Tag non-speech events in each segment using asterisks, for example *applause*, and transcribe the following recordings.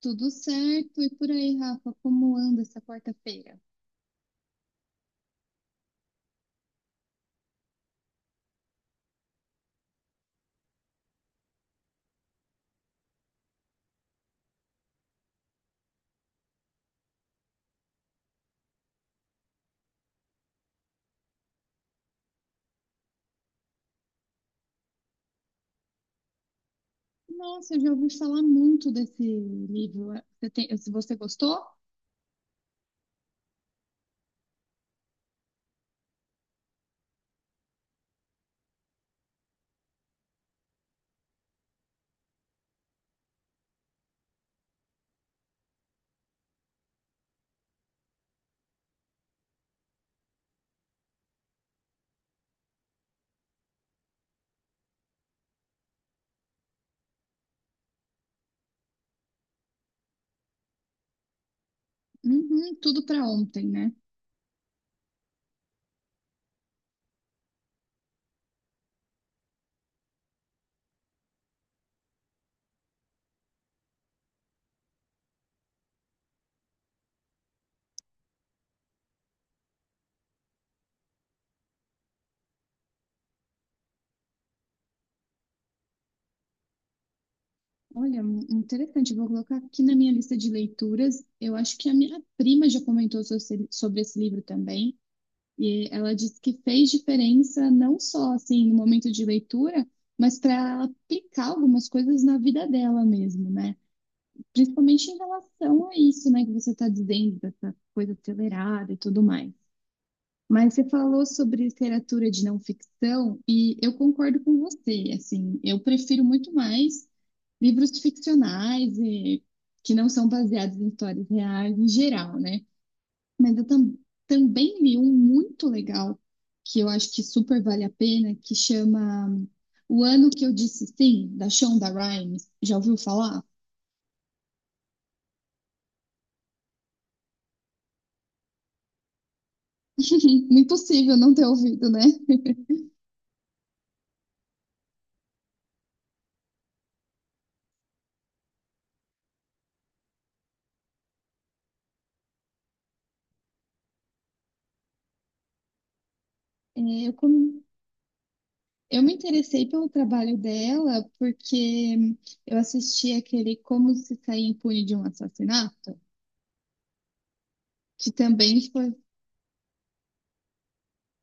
Tudo certo, e por aí, Rafa, como anda essa quarta-feira? Nossa, eu já ouvi falar muito desse livro. Você gostou? Uhum, tudo para ontem, né? Olha, interessante. Eu Vou colocar aqui na minha lista de leituras. Eu acho que a minha prima já comentou sobre esse livro também. E ela disse que fez diferença não só assim no momento de leitura, mas para ela aplicar algumas coisas na vida dela mesmo, né? Principalmente em relação a isso, né, que você está dizendo, dessa coisa acelerada e tudo mais. Mas você falou sobre literatura de não ficção e eu concordo com você, assim, eu prefiro muito mais livros ficcionais e que não são baseados em histórias reais em geral, né? Mas eu tam- Também li um muito legal que eu acho que super vale a pena, que chama O Ano que Eu Disse Sim, da Shonda Rhimes. Já ouviu falar? *laughs* Impossível não ter ouvido, né? É, eu, com- eu me interessei pelo trabalho dela porque eu assisti aquele Como se sair impune de um assassinato, que também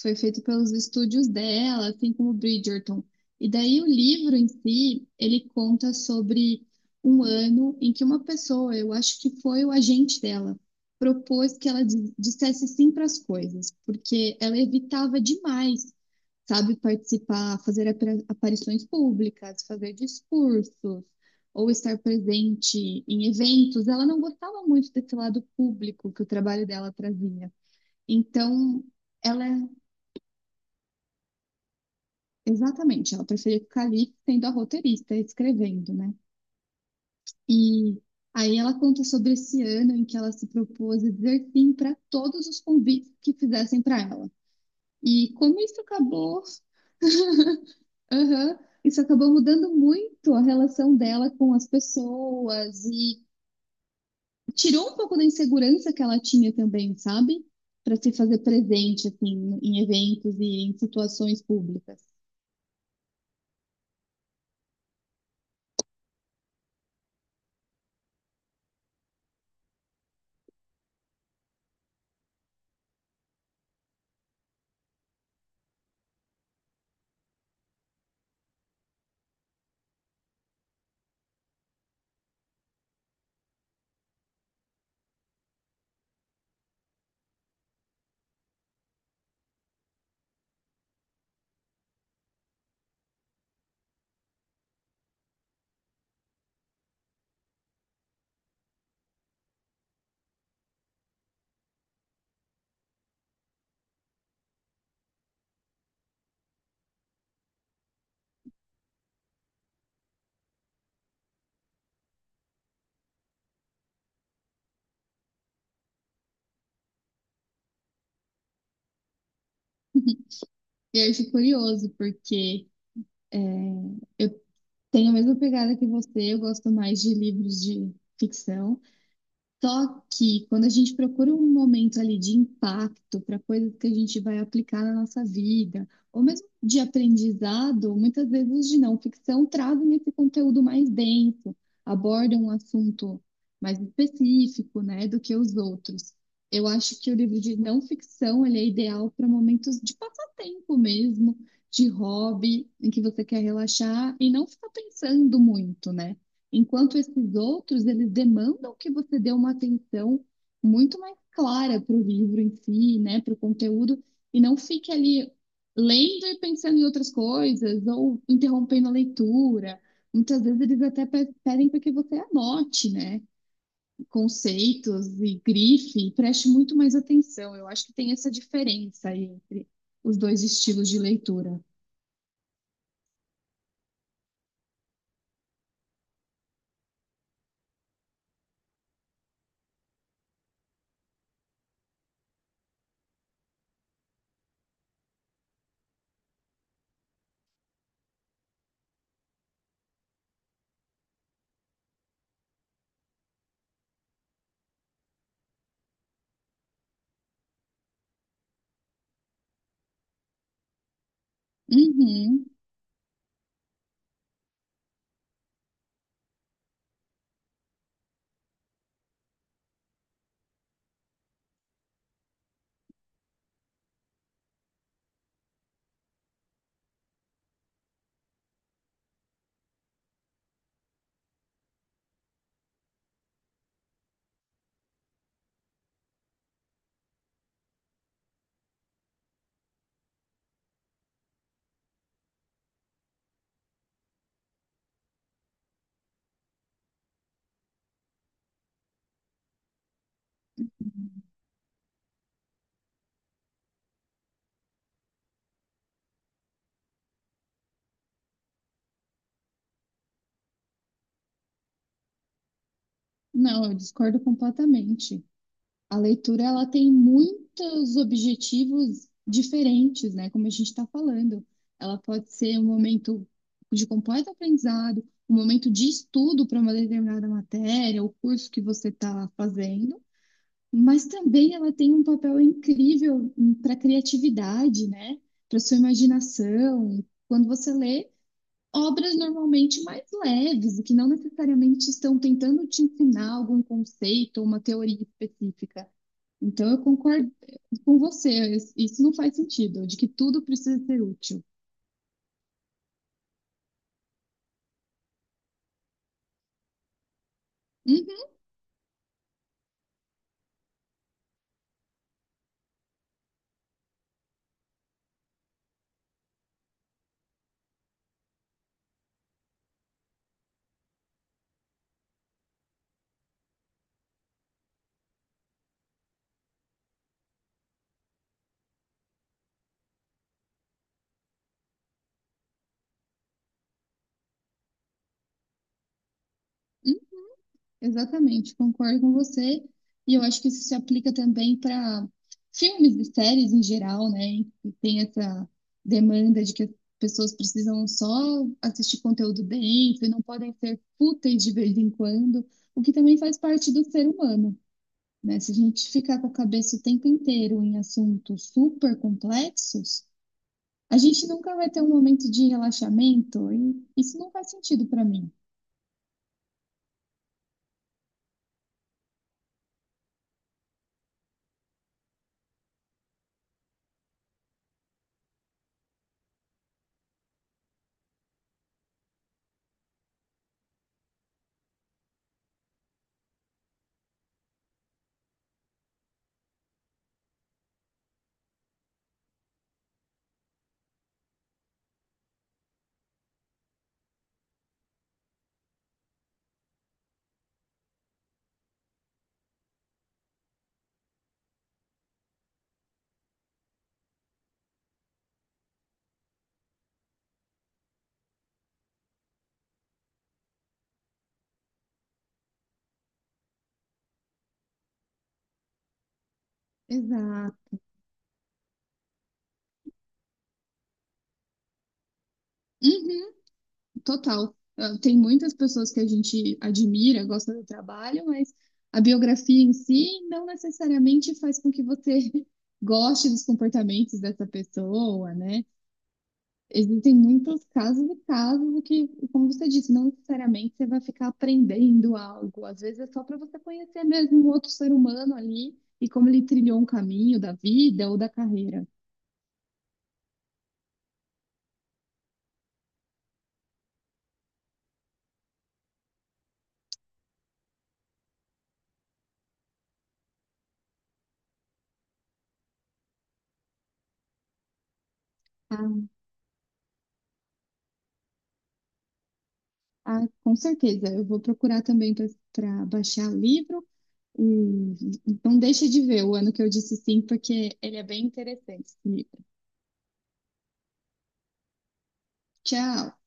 foi feito pelos estúdios dela, assim como Bridgerton. E daí o livro em si, ele conta sobre um ano em que uma pessoa, eu acho que foi o agente dela, propôs que dissesse sim para as coisas, porque ela evitava demais, sabe, participar, aparições públicas, fazer discursos, ou estar presente em eventos. Ela não gostava muito desse lado público que o trabalho dela trazia. Então, ela Exatamente, ela preferia ficar ali sendo a roteirista, escrevendo, né? E aí ela conta sobre esse ano em que ela se propôs a dizer sim para todos os convites que fizessem para ela. E como isso acabou, aham, isso acabou mudando muito a relação dela com as pessoas e tirou um pouco da insegurança que ela tinha também, sabe? Para se fazer presente assim em eventos e em situações públicas. E aí eu fico curioso porque tenho a mesma pegada que você, eu gosto mais de livros de ficção. Só que quando a gente procura um momento ali de impacto para coisas que a gente vai aplicar na nossa vida, ou mesmo de aprendizado, muitas vezes os de não ficção trazem esse conteúdo mais denso, abordam um assunto mais específico, né, do que os outros. Eu acho que o livro de não ficção, ele é ideal para momentos de passatempo mesmo, de hobby, em que você quer relaxar e não ficar pensando muito, né? Enquanto esses outros, eles demandam que você dê uma atenção muito mais clara para o livro em si, né, para o conteúdo, e não fique ali lendo e pensando em outras coisas, ou interrompendo a leitura. Muitas vezes eles até pedem para que você anote, né, conceitos e grife, e preste muito mais atenção. Eu acho que tem essa diferença aí entre os dois estilos de leitura. Uhum. Não, eu discordo completamente. A leitura ela tem muitos objetivos diferentes, né? Como a gente está falando, ela pode ser um momento de completo aprendizado, um momento de estudo para uma determinada matéria, o curso que você está fazendo, mas também ela tem um papel incrível para a criatividade, né? Para sua imaginação. Quando você lê obras normalmente mais leves e que não necessariamente estão tentando te ensinar algum conceito ou uma teoria específica. Então, eu concordo com você, isso não faz sentido, de que tudo precisa ser útil. Uhum. Exatamente, concordo com você. E eu acho que isso se aplica também para filmes e séries em geral, né? Que tem essa demanda de que as pessoas precisam só assistir conteúdo denso e não podem ser fúteis de vez em quando, o que também faz parte do ser humano, né? Se a gente ficar com a cabeça o tempo inteiro em assuntos super complexos, a gente nunca vai ter um momento de relaxamento e isso não faz sentido para mim. Exato. Total. Ah, tem muitas pessoas que a gente admira, gosta do trabalho, mas a biografia em si não necessariamente faz com que você *laughs* goste dos comportamentos dessa pessoa, né? Existem muitos casos e casos que, como você disse, não necessariamente você vai ficar aprendendo algo. Às vezes é só para você conhecer mesmo um outro ser humano ali e como ele trilhou um caminho da vida ou da carreira. Ah, ah, com certeza. Eu vou procurar também para baixar o livro. E não deixa de ver o ano que eu disse sim, porque ele é bem interessante. Tchau!